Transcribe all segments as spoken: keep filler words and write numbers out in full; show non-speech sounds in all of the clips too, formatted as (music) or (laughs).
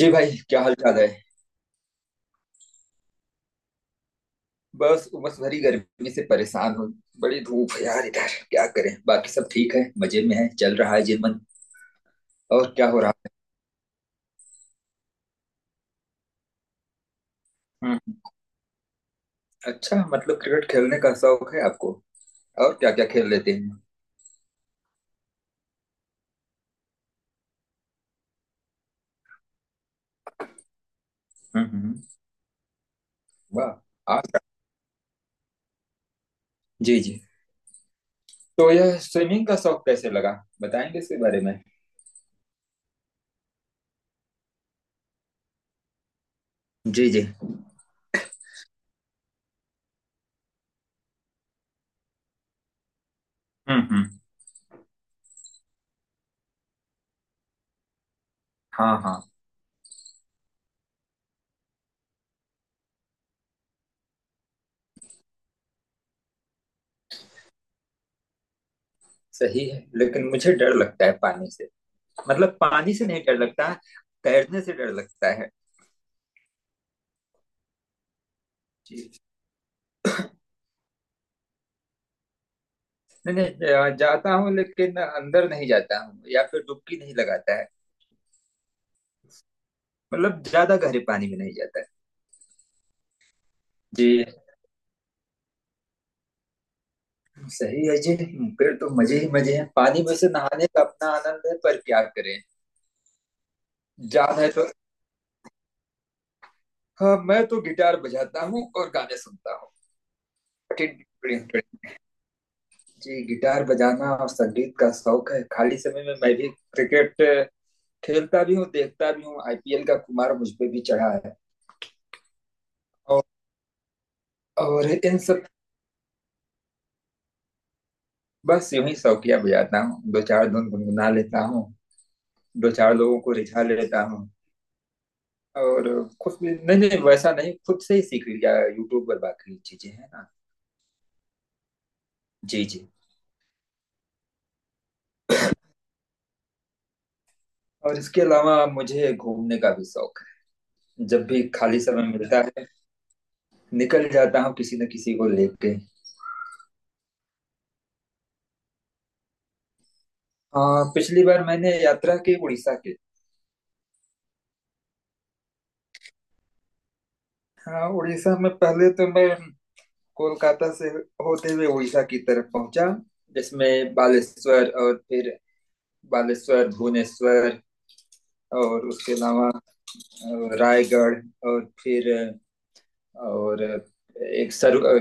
जी भाई क्या हाल चाल है। बस उमस भरी गर्मी से परेशान हूँ। बड़ी धूप है यार, इधर क्या करें, बाकी सब ठीक है, मजे में है, चल रहा है जीवन। और क्या हो रहा है। हम्म। अच्छा मतलब क्रिकेट खेलने का शौक है आपको। और क्या क्या खेल लेते हैं। हम्म। हम्म, हम्म। वाह। आज जी जी, तो यह स्विमिंग का शौक कैसे लगा, बताएंगे इसके बारे में। जी जी। हम्म हम्म। हाँ हाँ। सही है, लेकिन मुझे डर लगता है पानी से। मतलब पानी से नहीं डर लगता, तैरने से डर लगता है। नहीं नहीं, आ, जाता हूँ लेकिन अंदर नहीं जाता हूँ या फिर डुबकी नहीं लगाता है। मतलब ज्यादा गहरे पानी में नहीं जाता है। जी। सही है जी। फिर तो मजे ही मजे हैं, पानी में से नहाने का अपना आनंद है, पर क्या करें, जान है तो। हाँ, मैं तो गिटार बजाता हूँ और गाने सुनता हूँ। टिन- टिन- टिन। जी, गिटार बजाना और संगीत का शौक है। खाली समय में मैं भी क्रिकेट खेलता भी हूँ, देखता भी हूँ। आई पी एल का कुमार मुझ पे भी चढ़ा है। और, और इन सब, बस यूं ही शौकिया बजाता हूँ, दो चार धुन गुनगुना लेता हूँ, दो चार लोगों को रिझा लेता हूँ। और खुद, नहीं नहीं, वैसा नहीं, खुद से ही सीख लिया यूट्यूब पर, बाकी चीजें हैं ना। जी जी। और इसके अलावा मुझे घूमने का भी शौक है। जब भी खाली समय मिलता है निकल जाता हूँ किसी न किसी को लेके। हाँ, पिछली बार मैंने यात्रा की उड़ीसा की। हाँ, उड़ीसा में, पहले तो मैं कोलकाता से होते हुए उड़ीसा की तरफ पहुंचा, जिसमें बालेश्वर और फिर बालेश्वर, भुवनेश्वर, और उसके अलावा अ, रायगढ़, और फिर अ, और अ, एक सर अ,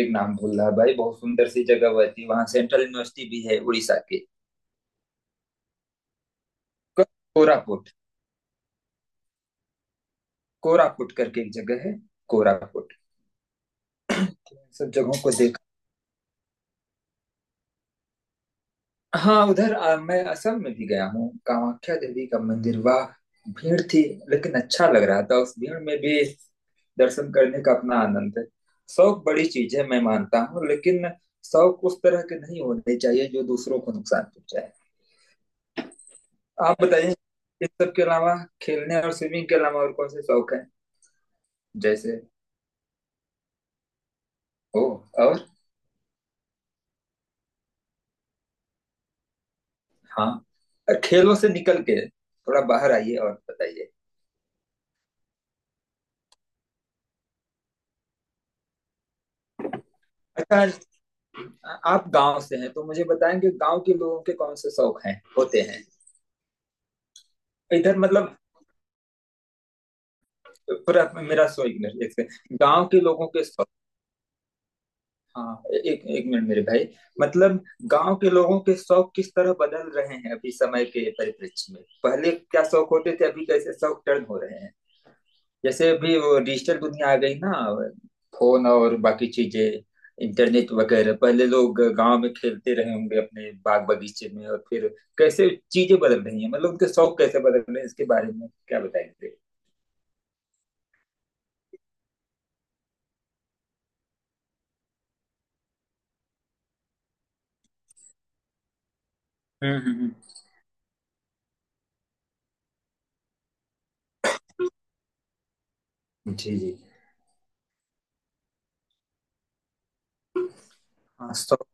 एक नाम भूल रहा भाई, बहुत सुंदर सी जगह हुआ थी वहां, सेंट्रल यूनिवर्सिटी भी है उड़ीसा की। को- कोरापुट, कोरापुट करके एक जगह है, कोरापुट। इन सब जगहों को देख। हाँ, उधर आ, मैं असम में भी गया हूँ, कामाख्या देवी का मंदिर। वाह, भीड़ थी लेकिन अच्छा लग रहा था उस भीड़ में भी। दर्शन करने का अपना आनंद है। शौक बड़ी चीज है, मैं मानता हूँ, लेकिन शौक उस तरह के नहीं होने चाहिए जो दूसरों को नुकसान पहुंचाए। आप बताइए, इस सब के अलावा, खेलने और स्विमिंग के अलावा और कौन से शौक है। जैसे, ओ और, हाँ, और खेलों से निकल के थोड़ा बाहर आइए और बताइए। अच्छा, आप गांव से हैं तो मुझे बताएंगे गांव के लोगों के कौन से शौक हैं, होते हैं इधर मतलब। पूरा मेरा सो, एक मिनट, एक सेकंड। गांव के लोगों के शौक, हाँ, एक एक मिनट मेरे भाई। मतलब गांव के लोगों के शौक किस तरह बदल रहे हैं अभी समय के परिप्रेक्ष्य में। पहले क्या शौक होते थे, अभी कैसे शौक टर्न हो रहे हैं। जैसे अभी वो डिजिटल दुनिया आ गई ना, फोन और बाकी चीजें, इंटरनेट वगैरह। पहले लोग गांव में खेलते रहे होंगे अपने बाग बगीचे में, और फिर कैसे चीजें बदल रही हैं, मतलब उनके शौक कैसे बदल रहे हैं, इसके बारे में क्या बताएंगे। हम्म हम्म हम्म। जी जी। हाँ शौक।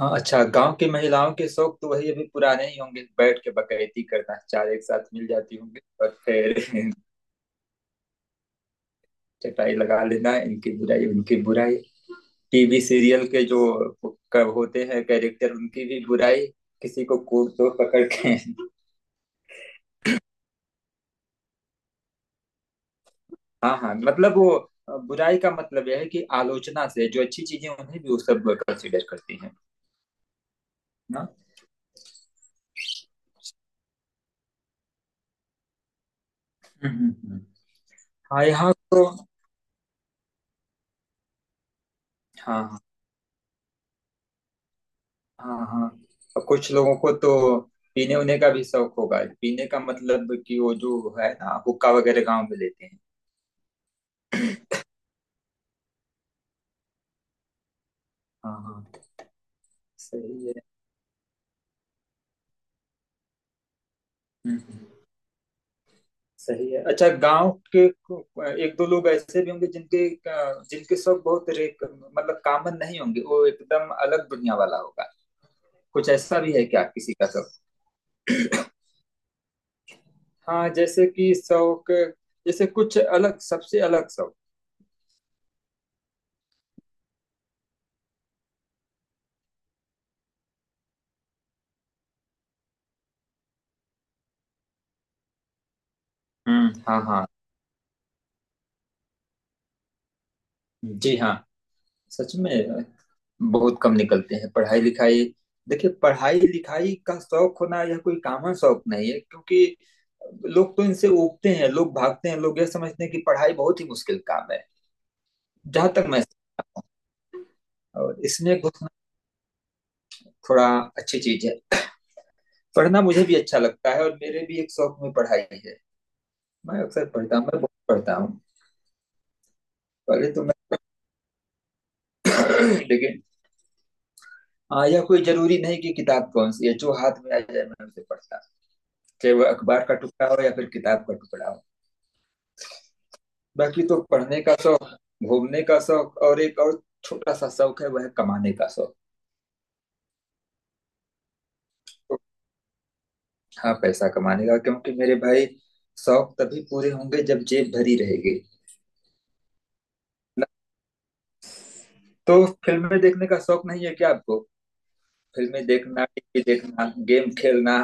हाँ, अच्छा गांव की महिलाओं के शौक तो वही अभी पुराने ही होंगे, बैठ के बकैती करना, चार एक साथ मिल जाती होंगे और फिर (laughs) चटाई लगा लेना, इनकी बुराई, उनकी बुराई। टीवी सीरियल के जो क- होते हैं कैरेक्टर, उनकी भी बुराई, किसी को कोट तो पकड़ के (laughs) हाँ हाँ, मतलब वो अ, बुराई का मतलब यह है कि आलोचना से जो अच्छी चीजें, उन्हें भी वो सब कंसिडर करती हैं ना। हम्म हम्म, हम्म। हाँ, यहाँ तो हाँ हाँ, हाँ हाँ। और कुछ लोगों को तो पीने उने का भी शौक होगा, पीने का मतलब कि वो जो है ना, हुक्का वगैरह गांव में लेते हैं। हाँ हाँ। सही है। हम्म, हम्म। सही है। अच्छा, गांव के को- एक दो लोग ऐसे भी होंगे जिनके अ, जिनके शौक बहुत रेक, मतलब कॉमन नहीं होंगे, वो एकदम अलग दुनिया वाला होगा। कुछ ऐसा भी है क्या किसी का शौक। (clears throat) हाँ, जैसे कि शौक, जैसे कुछ अलग, सबसे अलग शौक। हम्म, हाँ हाँ। जी हाँ, सच में बहुत कम निकलते हैं पढ़ाई लिखाई। देखिए, पढ़ाई लिखाई का शौक होना यह कोई कॉमन शौक नहीं है, क्योंकि लोग तो इनसे उबते हैं, लोग भागते हैं, लोग यह समझते हैं कि पढ़ाई बहुत ही मुश्किल काम है। जहां तक मैं, और इसमें घुसना थोड़ा अच्छी चीज है। पढ़ना मुझे भी अच्छा लगता है और मेरे भी एक शौक में पढ़ाई है। मैं अक्सर पढ़ता हूँ, मैं बहुत पढ़ता हूँ। पहले तो मैं (coughs) (clears throat) लेकिन हाँ, यह कोई जरूरी नहीं कि किताब कौन सी है, जो हाथ में आ जाए मैं उसे पढ़ता हूँ, चाहे वो अखबार का टुकड़ा हो या फिर किताब का टुकड़ा हो। बाकी तो पढ़ने का शौक, घूमने का शौक, और एक और छोटा सा शौक है, वह है कमाने का शौक। तो हाँ, पैसा कमाने का, क्योंकि मेरे भाई शौक तभी पूरे होंगे जब जेब भरी रहेगी। न- तो फिल्में देखने का शौक नहीं है क्या आपको, फिल्में देखना, टीवी देखना, गेम खेलना।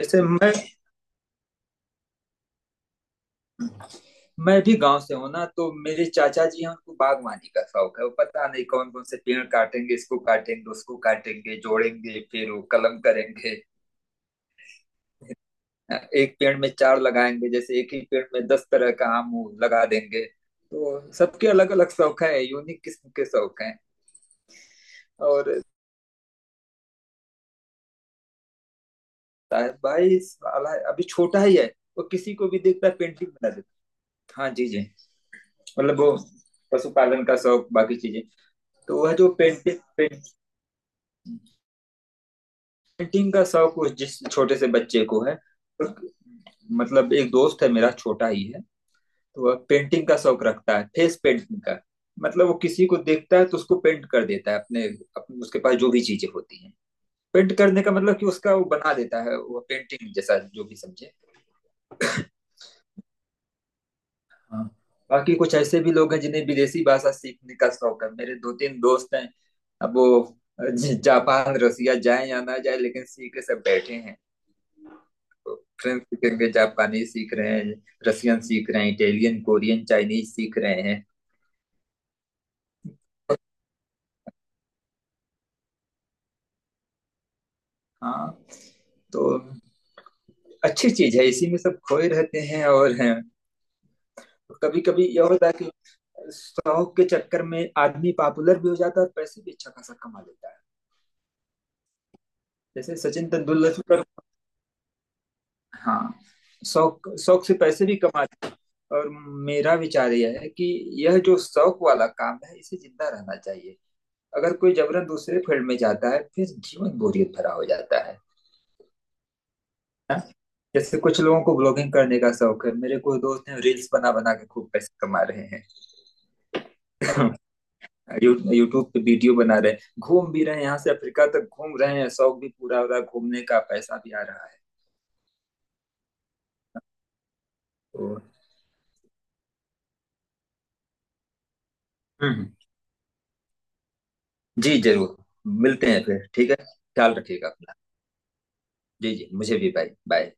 जैसे मैं मैं भी गांव से हूं ना, तो मेरे चाचा जी हैं, उनको बागवानी का शौक है। वो पता नहीं कौन कौन से पेड़ काटेंगे, इसको काटेंगे, उसको काटेंगे, जोड़ेंगे, फिर वो कलम करेंगे, एक पेड़ में चार लगाएंगे, जैसे एक ही पेड़ में दस तरह का आम हो- लगा देंगे। तो सबके अलग अलग शौक है, यूनिक किस्म के शौक हैं। और ताहिर भाई साला अभी छोटा ही है, वो किसी को भी देखता है पेंटिंग बना देता है। हाँ जी जी, मतलब वो पशुपालन का शौक बाकी चीजें। तो वह जो पेंटिंग पेंटिंग का शौक उस जिस छोटे से बच्चे को है, और मतलब एक दोस्त है मेरा, छोटा ही है, तो वह पेंटिंग का शौक रखता है, फेस पेंटिंग का। मतलब वो किसी को देखता है तो उसको पेंट कर देता है अपने, अपने उसके पास जो भी चीजें होती हैं, पेंट करने का मतलब कि उसका वो बना देता है, वो पेंटिंग जैसा, जो भी समझे। हाँ, बाकी कुछ ऐसे भी लोग हैं जिन्हें विदेशी भाषा सीखने का शौक है, मेरे दो तीन दोस्त हैं, अब वो ज- जापान रसिया जाए या ना जाए लेकिन सीख के सब बैठे हैं। तो फ्रेंच सीखेंगे, जापानी सीख रहे हैं, रसियन सीख रहे हैं, इटालियन, कोरियन, चाइनीज सीख रहे हैं। हाँ। तो अच्छी चीज है, इसी में सब खोए रहते हैं और हैं। कभी कभी यह होता है कि शौक के चक्कर में आदमी पॉपुलर भी हो जाता है और पैसे भी अच्छा खासा कमा लेता है, जैसे सचिन तेंदुलकर। हाँ, शौक शौक से पैसे भी कमाते हैं। और मेरा विचार यह है कि यह जो शौक वाला काम है इसे जिंदा रहना चाहिए। अगर कोई जबरन दूसरे फील्ड में जाता है फिर जीवन बोरियत भरा हो जाता है। है जैसे कुछ लोगों को ब्लॉगिंग करने का शौक है, मेरे कोई दोस्त हैं रील्स बना बना के खूब पैसे कमा रहे हैं। (laughs) यू, यूट्यूब पे वीडियो बना रहे हैं, घूम भी रहे हैं, यहाँ से अफ्रीका तक घूम रहे हैं, शौक भी पूरा हो रहा है, घूमने का पैसा भी आ रहा है। तो। हम्म। जी जरूर, मिलते हैं फिर, ठीक है, ख्याल रखिएगा अपना। जी जी, मुझे भी, बाय बाय।